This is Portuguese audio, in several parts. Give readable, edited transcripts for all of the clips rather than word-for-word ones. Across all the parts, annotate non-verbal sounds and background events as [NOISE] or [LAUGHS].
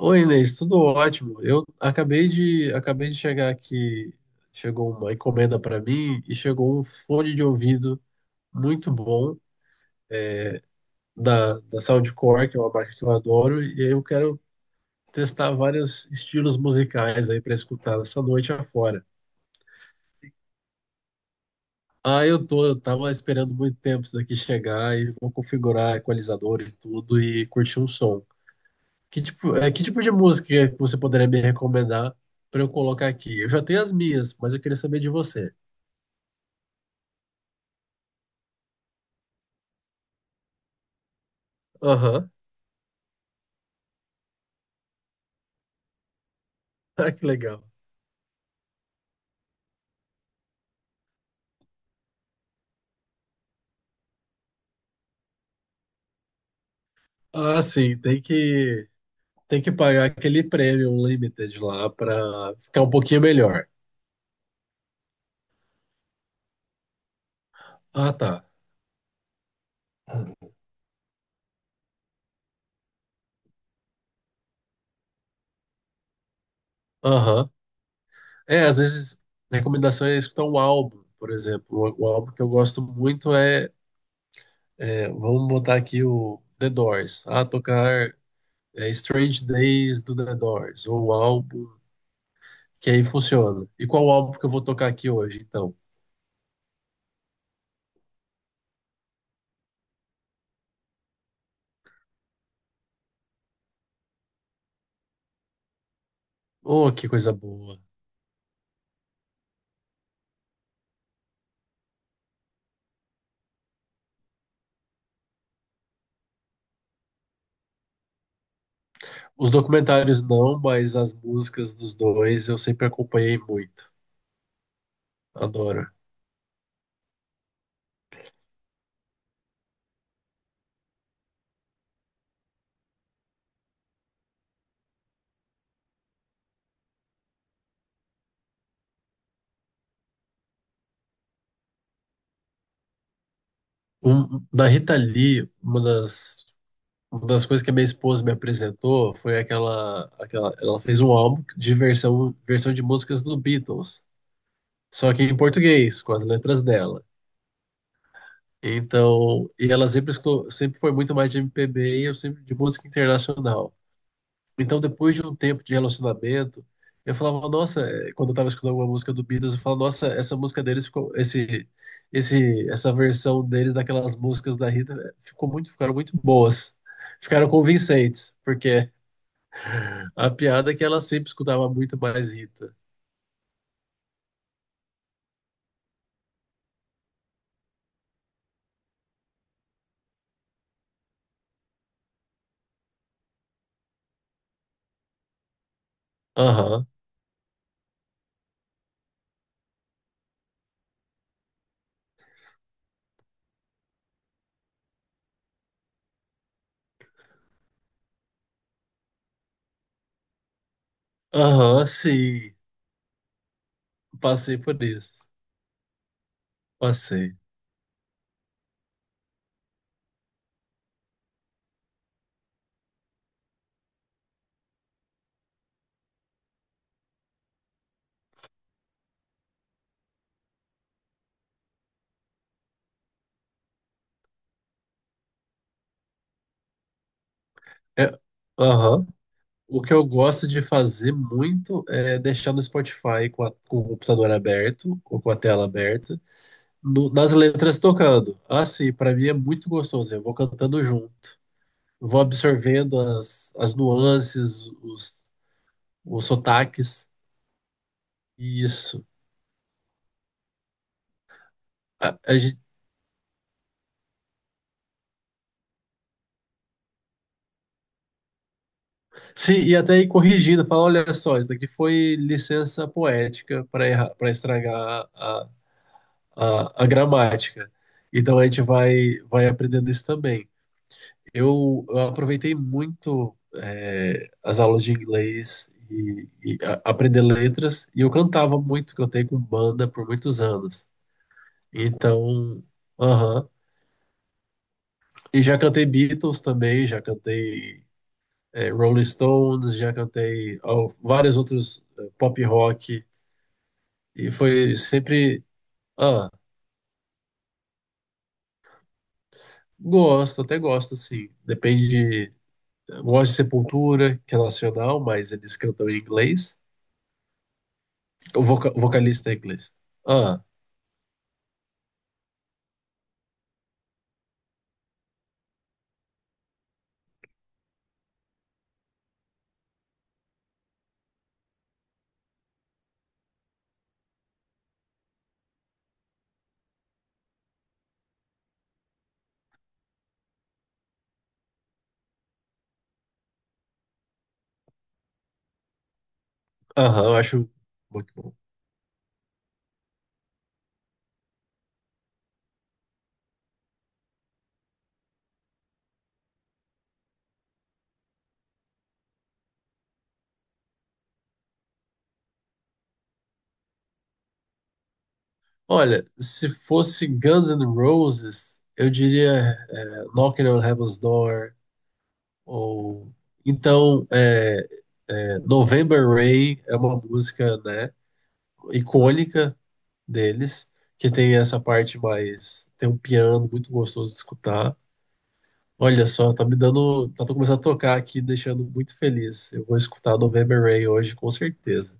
Oi, Inês, tudo ótimo. Eu acabei de chegar aqui, chegou uma encomenda para mim e chegou um fone de ouvido muito bom da Soundcore, que é uma marca que eu adoro, e eu quero testar vários estilos musicais aí para escutar essa noite afora. Ah, eu tô, eu tava esperando muito tempo isso daqui chegar e vou configurar equalizador e tudo e curtir um som. Que tipo de música que você poderia me recomendar para eu colocar aqui? Eu já tenho as minhas, mas eu queria saber de você. Aham. [LAUGHS] Ah, que legal. Ah, sim, tem que pagar aquele prêmio limited lá para ficar um pouquinho melhor. Ah, tá. Aham. É, às vezes recomendação é escutar um álbum, por exemplo. O álbum que eu gosto muito é, vamos botar aqui o The Doors. Ah, tocar Strange Days do The Doors ou o álbum que aí funciona. E qual álbum que eu vou tocar aqui hoje, então? Oh, que coisa boa. Os documentários não, mas as músicas dos dois eu sempre acompanhei muito. Adoro. Um, da Rita Lee, uma das coisas que a minha esposa me apresentou foi aquela. Ela fez um álbum de versão de músicas do Beatles, só que em português, com as letras dela. Então, e ela sempre, sempre foi muito mais de MPB e eu sempre de música internacional. Então, depois de um tempo de relacionamento, eu falava, nossa, quando eu tava escutando alguma música do Beatles, eu falava, nossa, essa música deles ficou, essa versão deles daquelas músicas da Rita ficou muito, ficaram muito boas. Ficaram convincentes, porque a piada é que ela sempre escutava muito mais Rita. Aham, aham, sim. Passei por isso. Passei. É, aham. O que eu gosto de fazer muito é deixar no Spotify com, com o computador aberto ou com a tela aberta. Nas letras tocando. Assim, para mim é muito gostoso. Eu vou cantando junto, vou absorvendo as nuances, os sotaques, e isso. A gente, sim, e até ir corrigindo, falar, olha só, isso daqui foi licença poética para estragar a gramática. Então a gente vai aprendendo isso também. Eu aproveitei muito as aulas de inglês e aprender letras, e eu cantava muito, cantei com banda por muitos anos. Então, aham. E já cantei Beatles também, já cantei Rolling Stones, já cantei ó, vários outros pop rock, e foi sempre. Ah, gosto, até gosto, sim. Depende de. Gosto de Sepultura, que é nacional, mas eles cantam em inglês. O vocalista é inglês. Ah, aham, eu acho muito bom. Olha, se fosse Guns N' Roses, eu diria Knocking on Heaven's Door, ou então November Rain é uma música, né, icônica deles, que tem essa parte mais, tem um piano muito gostoso de escutar. Olha só, tá me dando, tá começando a tocar aqui, deixando muito feliz. Eu vou escutar November Rain hoje, com certeza.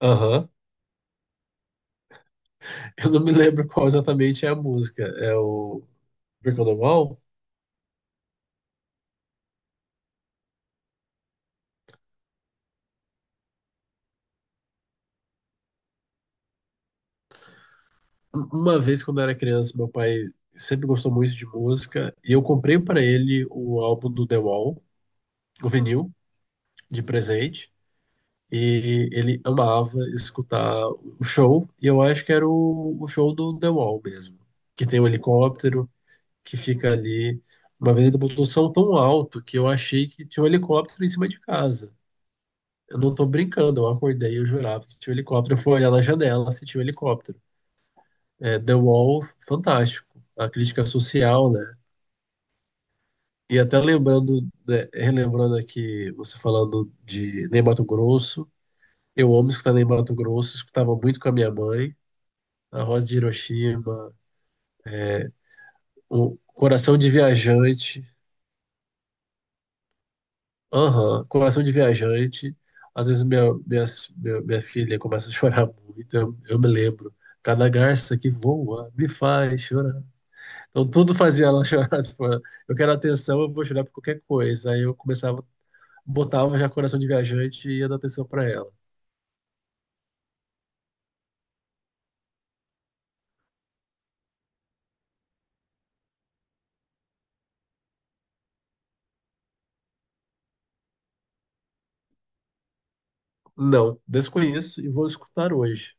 Aham. Eu não me lembro qual exatamente é a música. É o Brick on the Wall? Uma vez, quando eu era criança, meu pai sempre gostou muito de música e eu comprei para ele o álbum do The Wall, o vinil, de presente. E ele amava escutar o show, e eu acho que era o show do The Wall mesmo, que tem um helicóptero que fica ali. Uma vez ele botou o som tão alto que eu achei que tinha um helicóptero em cima de casa. Eu não tô brincando, eu acordei e eu jurava que tinha um helicóptero. Eu fui olhar na janela, se tinha um helicóptero. É, The Wall, fantástico. A crítica social, né? E até lembrando, né, relembrando aqui, você falando de Ney Mato Grosso. Eu amo escutar Ney Mato Grosso, escutava muito com a minha mãe. A Rosa de Hiroshima, o Coração de Viajante. Aham, Coração de Viajante. Às vezes minha filha começa a chorar muito, eu me lembro. Cada garça que voa me faz chorar. Então tudo fazia ela chorar. [LAUGHS] Tipo, eu quero atenção, eu vou chorar por qualquer coisa. Aí eu começava, botava já coração de viajante e ia dar atenção para ela. Não, desconheço e vou escutar hoje.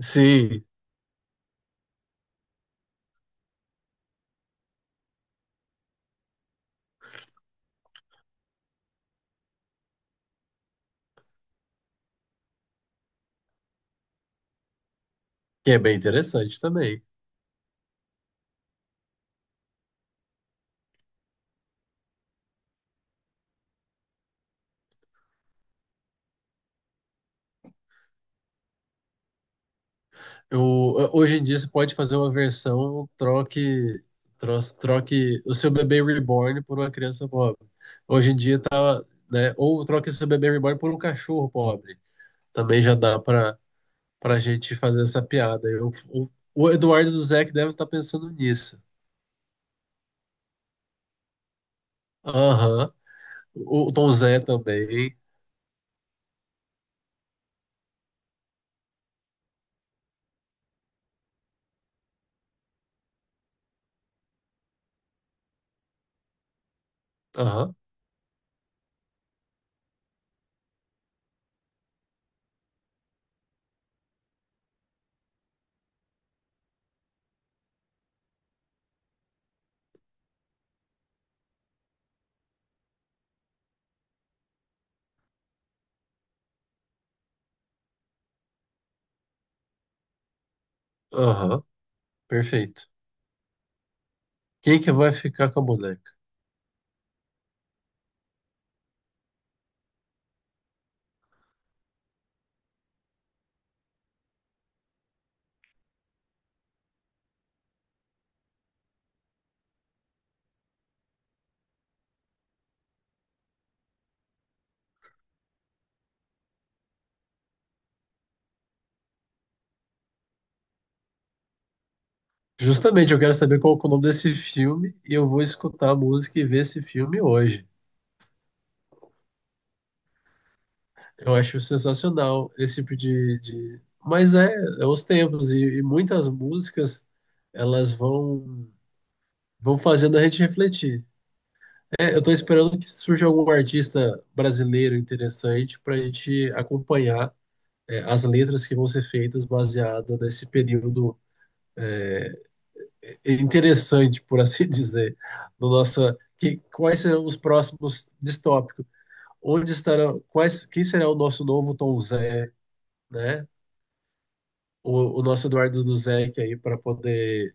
Sim, que é bem interessante também. Eu, hoje em dia você pode fazer uma versão troque o seu bebê reborn por uma criança pobre. Hoje em dia tá, né? Ou troque o seu bebê reborn por um cachorro pobre. Também já dá para pra gente fazer essa piada. O Eduardo do Zé que deve estar pensando nisso. Aham. O Tom Zé também. Aham, aham. Perfeito. Quem que vai ficar com a boneca? Justamente, eu quero saber qual que é o nome desse filme e eu vou escutar a música e ver esse filme hoje. Eu acho sensacional esse tipo de. Mas é, é os tempos e muitas músicas elas vão fazendo a gente refletir. É, eu estou esperando que surja algum artista brasileiro interessante para a gente acompanhar as letras que vão ser feitas baseada nesse período interessante, por assim [LAUGHS] dizer, no nossa que quais serão os próximos distópicos? Onde estarão quais quem será o nosso novo Tom Zé? Né? O nosso Eduardo Duzec aí para poder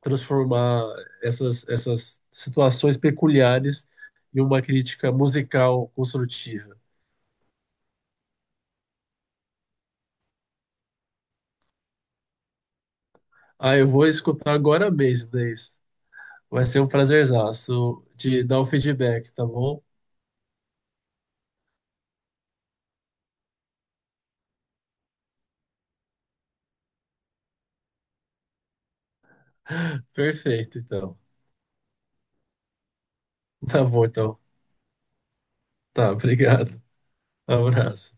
transformar essas situações peculiares em uma crítica musical construtiva. Ah, eu vou escutar agora mesmo, Inês. Vai ser um prazerzaço de dar o feedback, tá bom? Perfeito, então. Tá bom, então. Tá, obrigado. Abraço.